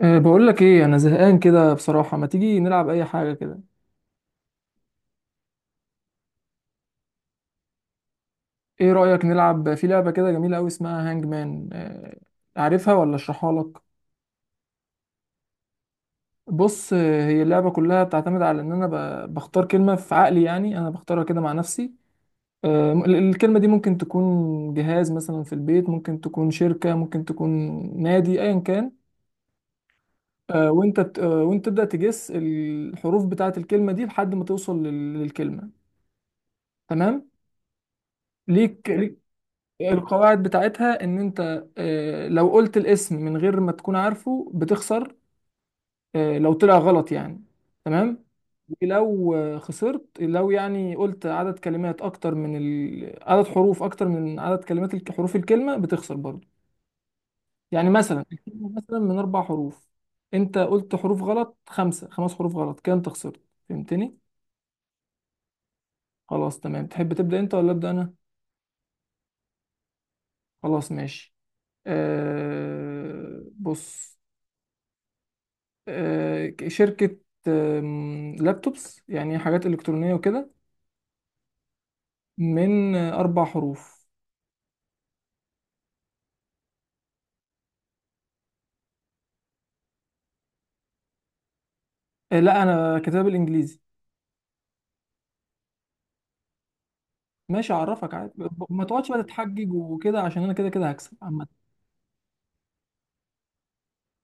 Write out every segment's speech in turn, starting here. بقول لك ايه، انا زهقان كده بصراحة، ما تيجي نلعب اي حاجة كده؟ ايه رأيك نلعب في لعبة كده جميلة قوي اسمها هانج مان؟ عارفها ولا اشرحها لك؟ بص. هي اللعبة كلها بتعتمد على ان انا بختار كلمة في عقلي، يعني انا بختارها كده مع نفسي. الكلمة دي ممكن تكون جهاز مثلا في البيت، ممكن تكون شركة، ممكن تكون نادي، ايا كان. أه وانت بت- أه وانت تبدأ تجس الحروف بتاعة الكلمة دي لحد ما توصل للكلمة. تمام. ليك القواعد بتاعتها ان انت. لو قلت الاسم من غير ما تكون عارفه بتخسر. لو طلع غلط يعني. تمام. ولو خسرت، لو يعني قلت عدد كلمات اكتر من عدد حروف اكتر من عدد كلمات حروف الكلمة بتخسر برضه. يعني مثلا الكلمة مثلا من 4 حروف. انت قلت حروف غلط، خمس حروف غلط كده انت خسرت. فهمتني؟ خلاص تمام. تحب تبدأ انت ولا ابدأ انا؟ خلاص ماشي. بص. شركة. لابتوبس يعني، حاجات إلكترونية وكده. من 4 حروف. لا، أنا كتاب الإنجليزي. ماشي أعرفك عادي. ما تقعدش بقى تتحجج وكده، عشان أنا كده كده هكسب عامة.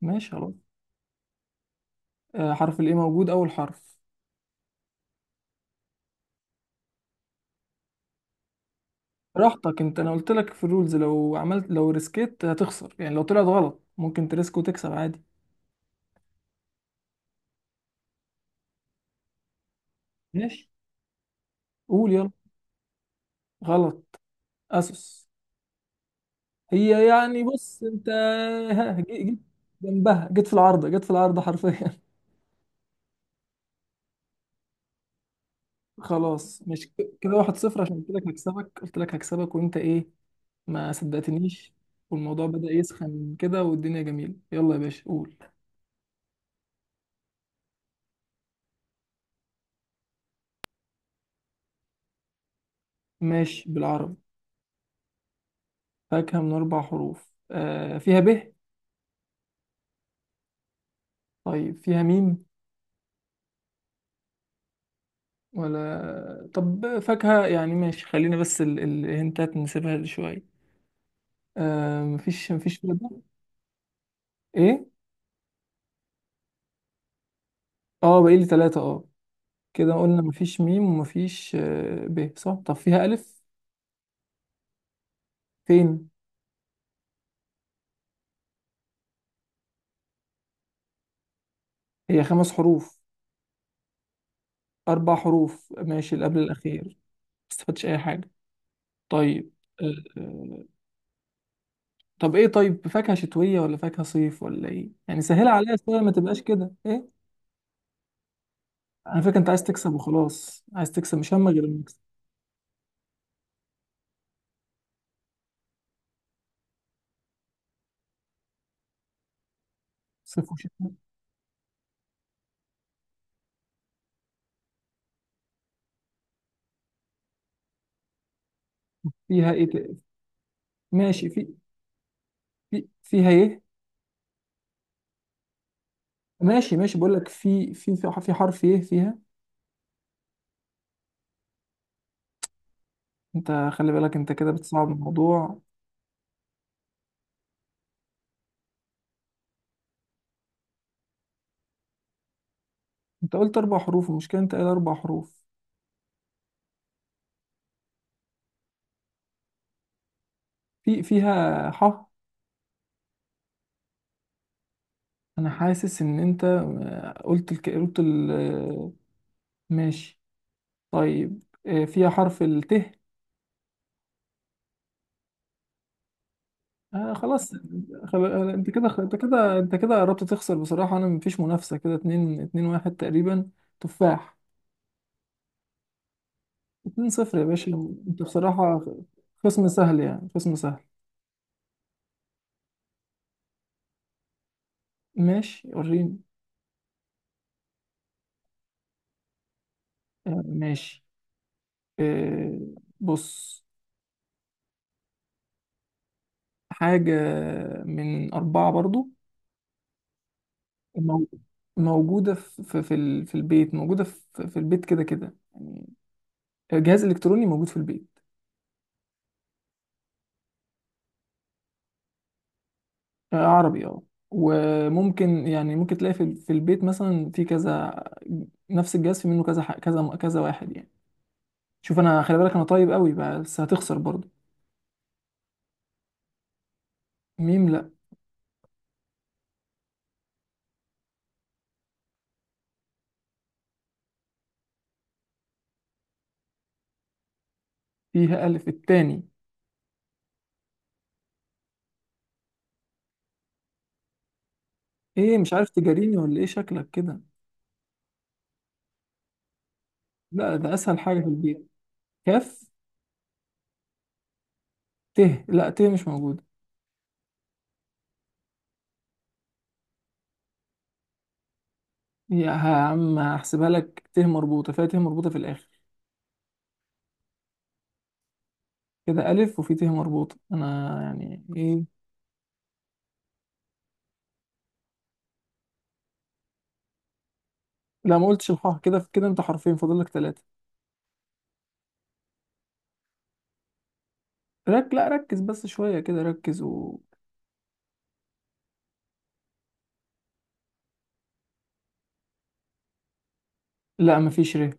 ماشي خلاص. حرف الإيه موجود أول حرف. براحتك أنت، أنا قلت لك في الرولز، لو ريسكيت هتخسر، يعني لو طلعت غلط. ممكن تريسك وتكسب عادي. ماشي، قول يلا. غلط. أسوس. هي يعني، بص أنت. ها، جيت. جنبها، جيت في العارضة، جيت في العارضة حرفيا. خلاص مش كده. 1-0، عشان قلت لك هكسبك، قلت لك هكسبك، وانت ايه؟ ما صدقتنيش. والموضوع بدأ يسخن كده، والدنيا جميلة. يلا يا باشا، قول. ماشي بالعربي. فاكهة من 4 حروف. فيها ب؟ طيب فيها ميم؟ ولا طب فاكهة يعني، ماشي. خلينا بس الهنتات نسيبها شوية. مفيش فيها ب. ايه؟ اه، بقى لي 3 كده قلنا مفيش ميم ومفيش ب، صح؟ طب فيها ألف؟ فين؟ هي 5 حروف؟ أربع حروف ماشي. اللي قبل الأخير، ما استفدتش أي حاجة. طيب. آه، آه، طب إيه طيب، فاكهة شتوية ولا فاكهة صيف ولا إيه؟ يعني سهلة عليا شوية، ما تبقاش كده إيه؟ أنا فاكر أنت عايز تكسب وخلاص، عايز تكسب، مش همك غير المكسب. صيف وشتاء. فيها إيه؟ ماشي، في. فيها إيه؟ ماشي ماشي، بقول لك في حرف إيه فيها؟ أنت خلي بالك، أنت كده بتصعب الموضوع. أنت قلت 4 حروف. المشكلة أنت قايل 4 حروف. فيها ح؟ انا حاسس ان انت، قلت قلت ال... آه، ماشي. طيب فيها حرف الت؟ خلاص. خل... انت كده انت كده انت كده قربت تخسر بصراحة. انا مفيش منافسة، كده اتنين اتنين واحد تقريبا. تفاح. 2-0 يا باشا. انت بصراحة. خصم سهل يعني، خصم سهل. ماشي، وريني. ماشي. آه بص. حاجة من 4 برضو. مو- موجودة في البيت، موجودة في البيت كده كده يعني. جهاز إلكتروني موجود في البيت. عربي اه. وممكن يعني، ممكن تلاقي في البيت مثلا، في كذا. نفس الجهاز في منه كذا كذا كذا واحد يعني. شوف انا، خلي بالك انا طيب قوي، بس هتخسر برضه. ميم لا. فيها ألف التاني. ايه؟ مش عارف تجاريني ولا ايه؟ شكلك كده. لا ده اسهل حاجة في البيت. كاف. ت. لا، ت مش موجودة. يا عم هحسبها لك، ت مربوطة. فيها ت مربوطة في الآخر. كده ألف وفي ت مربوطة، أنا يعني إيه؟ لا، ما قلتش الحاء. كده كده أنت حرفين، فاضل لك تلاتة. لا، ركز بس شوية كده، ركز و. لا، مفيش ر.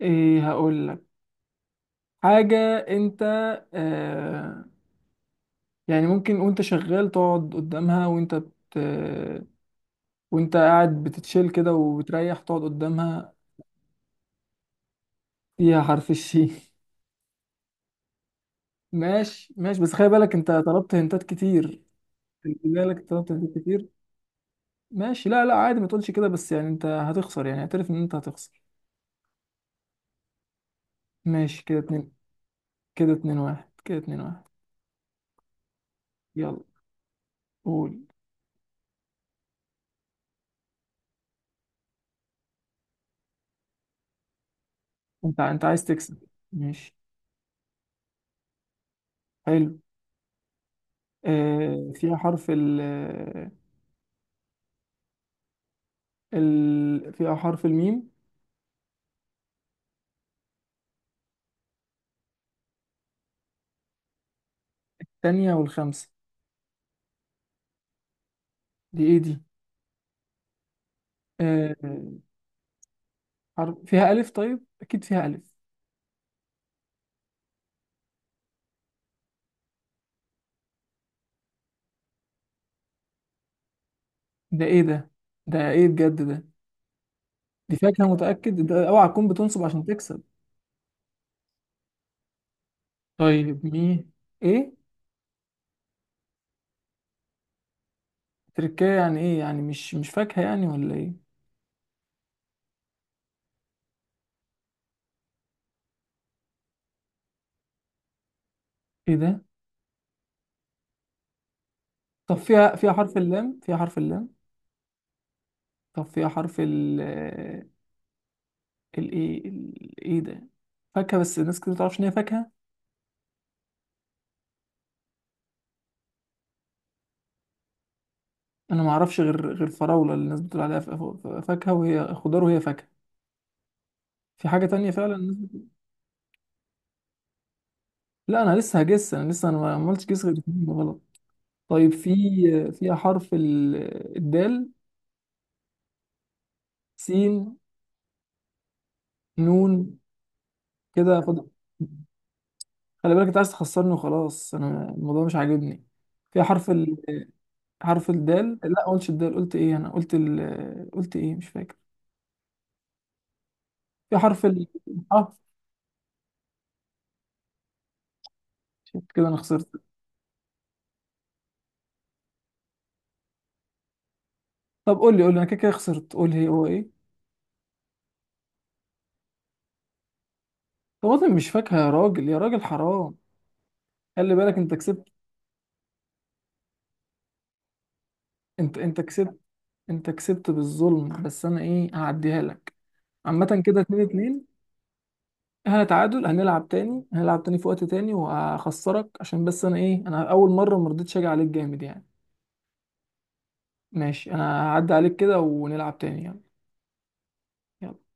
إيه؟ هقول لك حاجة أنت. آه يعني ممكن وأنت شغال تقعد قدامها، وأنت بت. وأنت قاعد بتتشيل كده وبتريح، تقعد قدامها. فيها حرف الشين. ماشي ماشي، بس خلي بالك أنت طلبت هنتات كتير. خلي بالك طلبت هنتات كتير. ماشي. لا لا، عادي، ما تقولش كده. بس يعني انت هتخسر، يعني اعترف ان انت هتخسر. ماشي كده اتنين. كده 2-1، كده 2-1 يلا. قول انت. انت عايز تكسب؟ ماشي. حلو. فيها حرف ال. ال فيها حرف الميم. تانية والخمسة. دي ايه دي؟ آه حرف فيها ألف، طيب أكيد فيها ألف. ده ايه ده؟ ده ايه بجد ده؟ دي فاكهة متأكد؟ ده اوعى تكون بتنصب عشان تكسب. طيب مي. ايه؟ تركية يعني ايه؟ يعني مش فاكهة يعني ولا ايه؟ ايه ده؟ طب فيها حرف اللام، فيها حرف اللام؟ طب فيها حرف ال. الايه؟ ايه ده؟ فاكهة، بس الناس كتير متعرفش ان هي فاكهة. انا ما اعرفش غير الفراولة، اللي الناس بتقول عليها فاكهة وهي خضار، وهي فاكهة. في حاجة تانية فعلا الناس بتقول... لا، انا لسه هجس. انا لسه، انا ما عملتش جس غير 2 غلط. طيب، في. فيها حرف ال... الدال. سين. نون. كده فاضل. خلي بالك انت عايز تخسرني وخلاص، انا الموضوع مش عاجبني. فيها حرف. حرف الدال، لا قلتش الدال؟ قلت ايه، انا قلت ال... قلت ايه، مش فاكر. في حرف ال. اه، شفت كده؟ انا خسرت. طب قول لي، قول لي، انا كده كده خسرت، قول لي هو ايه. طب انا مش فاكهة، يا راجل يا راجل، حرام. خلي بالك انت كسبت. انت كسبت. انت كسبت بالظلم، بس انا ايه، هعديها لك. عامة كده 2-2. احنا تعادل. هنلعب تاني، هنلعب تاني في وقت تاني، وهخسرك عشان بس انا ايه، انا اول مرة مرضتش اجي عليك جامد يعني. ماشي، انا هعدي عليك كده ونلعب تاني يعني. يلا.